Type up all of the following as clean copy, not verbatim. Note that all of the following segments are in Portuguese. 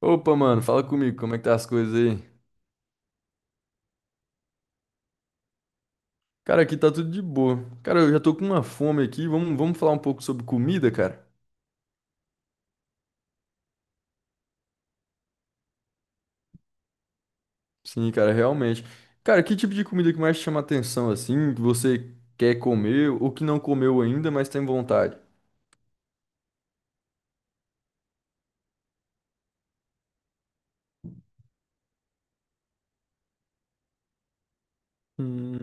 Opa, mano, fala comigo, como é que tá as coisas aí? Cara, aqui tá tudo de boa. Cara, eu já tô com uma fome aqui. Vamos falar um pouco sobre comida, cara? Sim, cara, realmente. Cara, que tipo de comida que mais te chama atenção, assim, que você quer comer ou que não comeu ainda, mas tem vontade? Hum,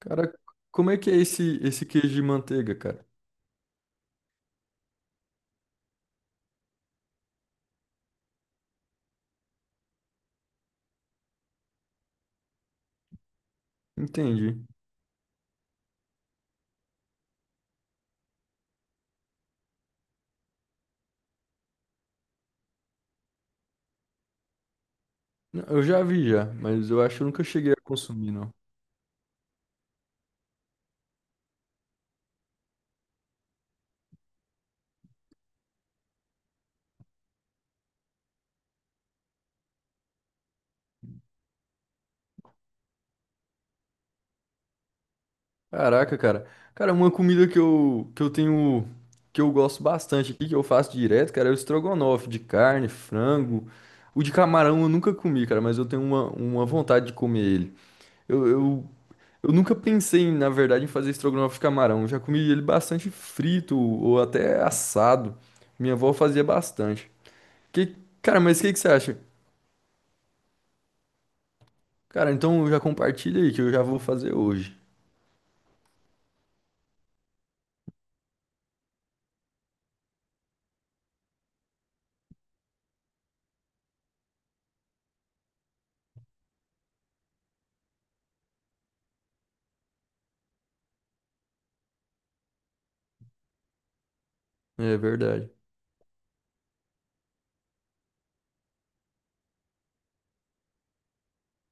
cara, como é que é esse queijo de manteiga, cara? Entendi. Não, eu já vi já, mas eu acho que eu nunca cheguei a consumir, não. Caraca, cara. Cara, uma comida que eu tenho, que eu gosto bastante aqui, que eu faço direto, cara, é o estrogonofe de carne, frango. O de camarão eu nunca comi, cara, mas eu tenho uma vontade de comer ele. Eu, eu, eu nunca pensei, em, na verdade, em fazer estrogonofe de camarão. Eu já comi ele bastante frito ou até assado. Minha avó fazia bastante. Que, cara, mas o que que você acha? Cara, então já compartilha aí que eu já vou fazer hoje. É verdade.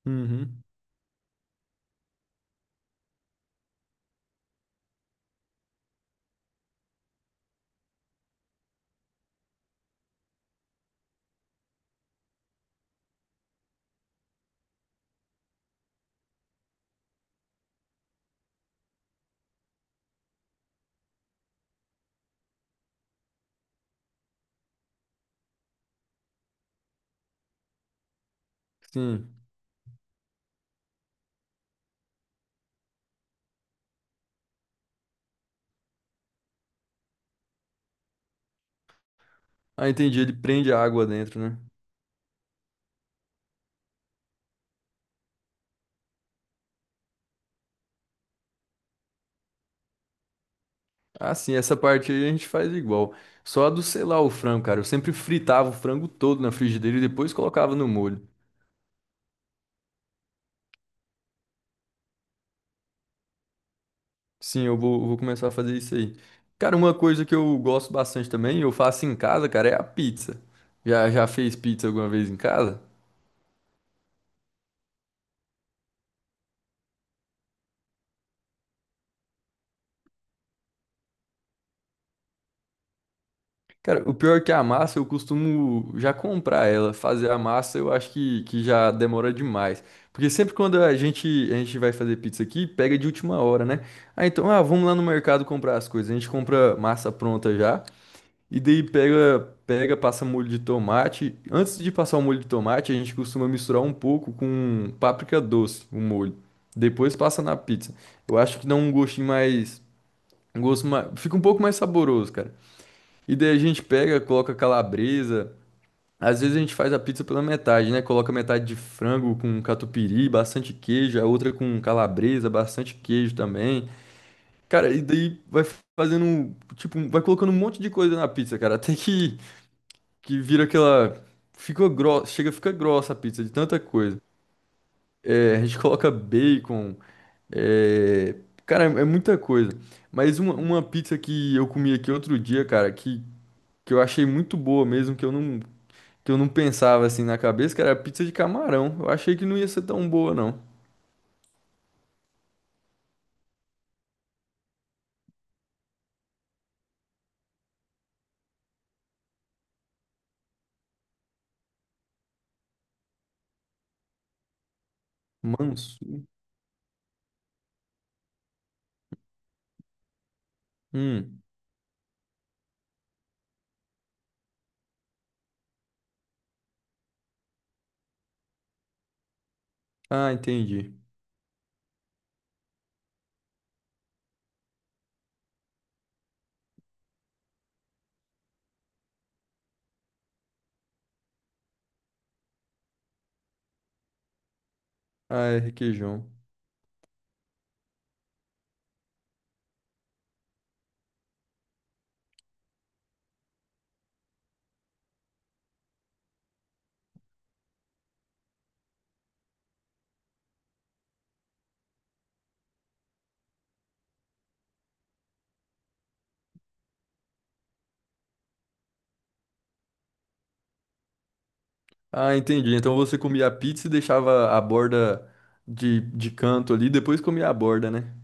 Uhum. Sim. Ah, entendi. Ele prende a água dentro, né? Ah, sim, essa parte aí a gente faz igual. Só a do selar o frango, cara. Eu sempre fritava o frango todo na frigideira e depois colocava no molho. Sim, eu vou começar a fazer isso aí. Cara, uma coisa que eu gosto bastante também, eu faço em casa, cara, é a pizza. Já fez pizza alguma vez em casa? Cara, o pior é que a massa eu costumo já comprar ela. Fazer a massa eu acho que já demora demais. Porque sempre quando a gente vai fazer pizza aqui, pega de última hora, né? Ah, então, ah, vamos lá no mercado comprar as coisas. A gente compra massa pronta já. E daí passa molho de tomate. Antes de passar o molho de tomate, a gente costuma misturar um pouco com páprica doce, o molho. Depois passa na pizza. Eu acho que dá um gostinho mais. Um gosto mais. Fica um pouco mais saboroso, cara. E daí a gente pega, coloca calabresa. Às vezes a gente faz a pizza pela metade, né? Coloca metade de frango com catupiry, bastante queijo, a outra com calabresa, bastante queijo também. Cara, e daí vai fazendo, um, tipo, vai colocando um monte de coisa na pizza, cara, até que vira aquela fica grossa, chega, fica grossa a pizza de tanta coisa. É, a gente coloca bacon, é, cara, é muita coisa. Mas uma pizza que eu comi aqui outro dia, cara, que eu achei muito boa mesmo, que eu não pensava assim na cabeça, que era pizza de camarão. Eu achei que não ia ser tão boa, não. Manso. Hum. Ah, entendi. Ah, é requeijão. Ah, entendi. Então você comia a pizza e deixava a borda de canto ali, depois comia a borda, né?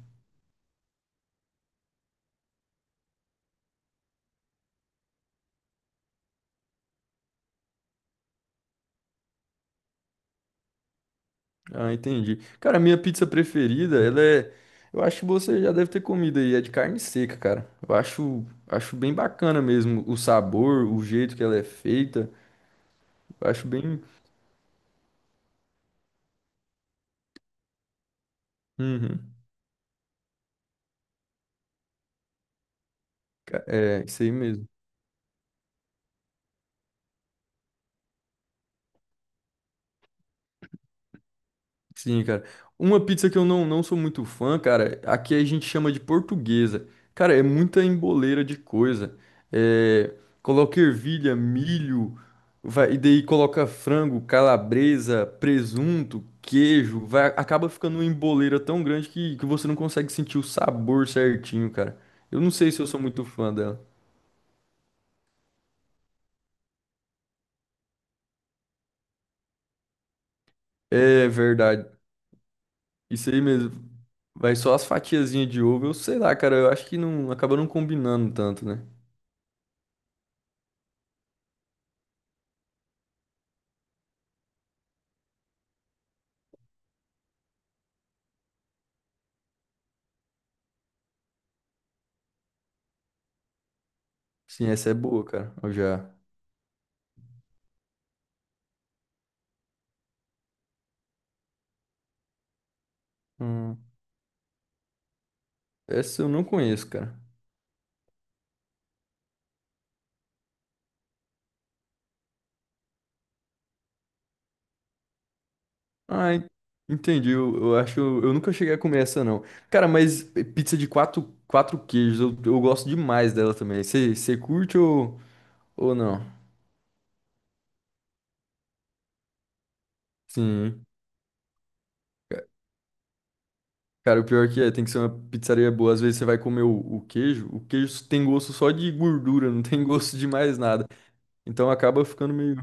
Ah, entendi. Cara, a minha pizza preferida, ela é. Eu acho que você já deve ter comido aí, é de carne seca, cara. Eu acho, acho bem bacana mesmo o sabor, o jeito que ela é feita. Eu acho bem. Uhum. Ca- é, isso aí mesmo. Sim, cara. Uma pizza que eu não sou muito fã, cara, aqui a gente chama de portuguesa. Cara, é muita emboleira de coisa. É, coloca ervilha, milho, vai, e daí coloca frango, calabresa, presunto, queijo. Vai, acaba ficando uma emboleira tão grande que você não consegue sentir o sabor certinho, cara. Eu não sei se eu sou muito fã dela. É verdade. Isso aí mesmo. Vai só as fatiazinhas de ovo. Eu sei lá, cara. Eu acho que não acaba não combinando tanto, né? Sim, essa é boa, cara. Eu já. Hum, essa eu não conheço, cara. Ah, en- entendi. Eu acho. Eu nunca cheguei a comer essa, não. Cara, mas pizza de quatro queijos, eu gosto demais dela também. Você curte ou não? Sim. Ca- cara, o pior que é, tem que ser uma pizzaria boa. Às vezes você vai comer o, o queijo tem gosto só de gordura, não tem gosto de mais nada. Então acaba ficando meio.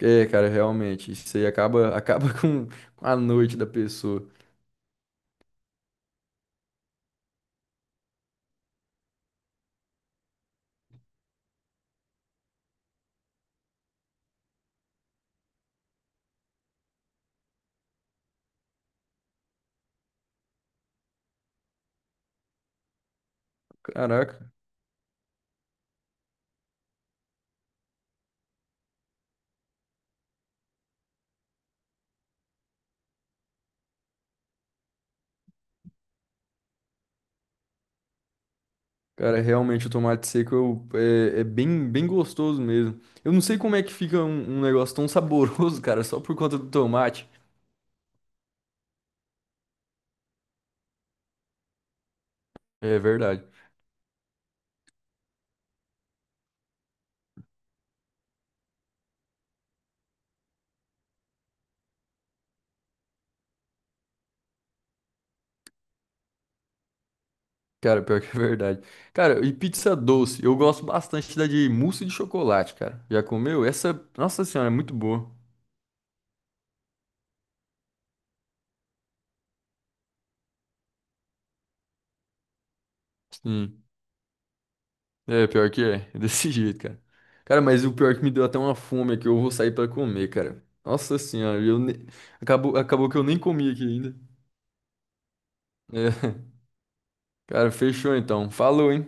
É, cara, realmente. Isso aí acaba com a noite da pessoa. Caraca. Cara, realmente o tomate seco eu- é, é bem, bem gostoso mesmo. Eu não sei como é que fica um, um negócio tão saboroso, cara, só por conta do tomate. É verdade. Cara, pior que é verdade. Cara, e pizza doce? Eu gosto bastante da de mousse de chocolate, cara. Já comeu? Essa, nossa senhora, é muito boa. Sim. É, pior que é. É desse jeito, cara. Cara, mas o pior é que me deu até uma fome é que eu vou sair pra comer, cara. Nossa senhora, eu ne- acabou que eu nem comi aqui ainda. É. Cara, fechou então. Falou, hein?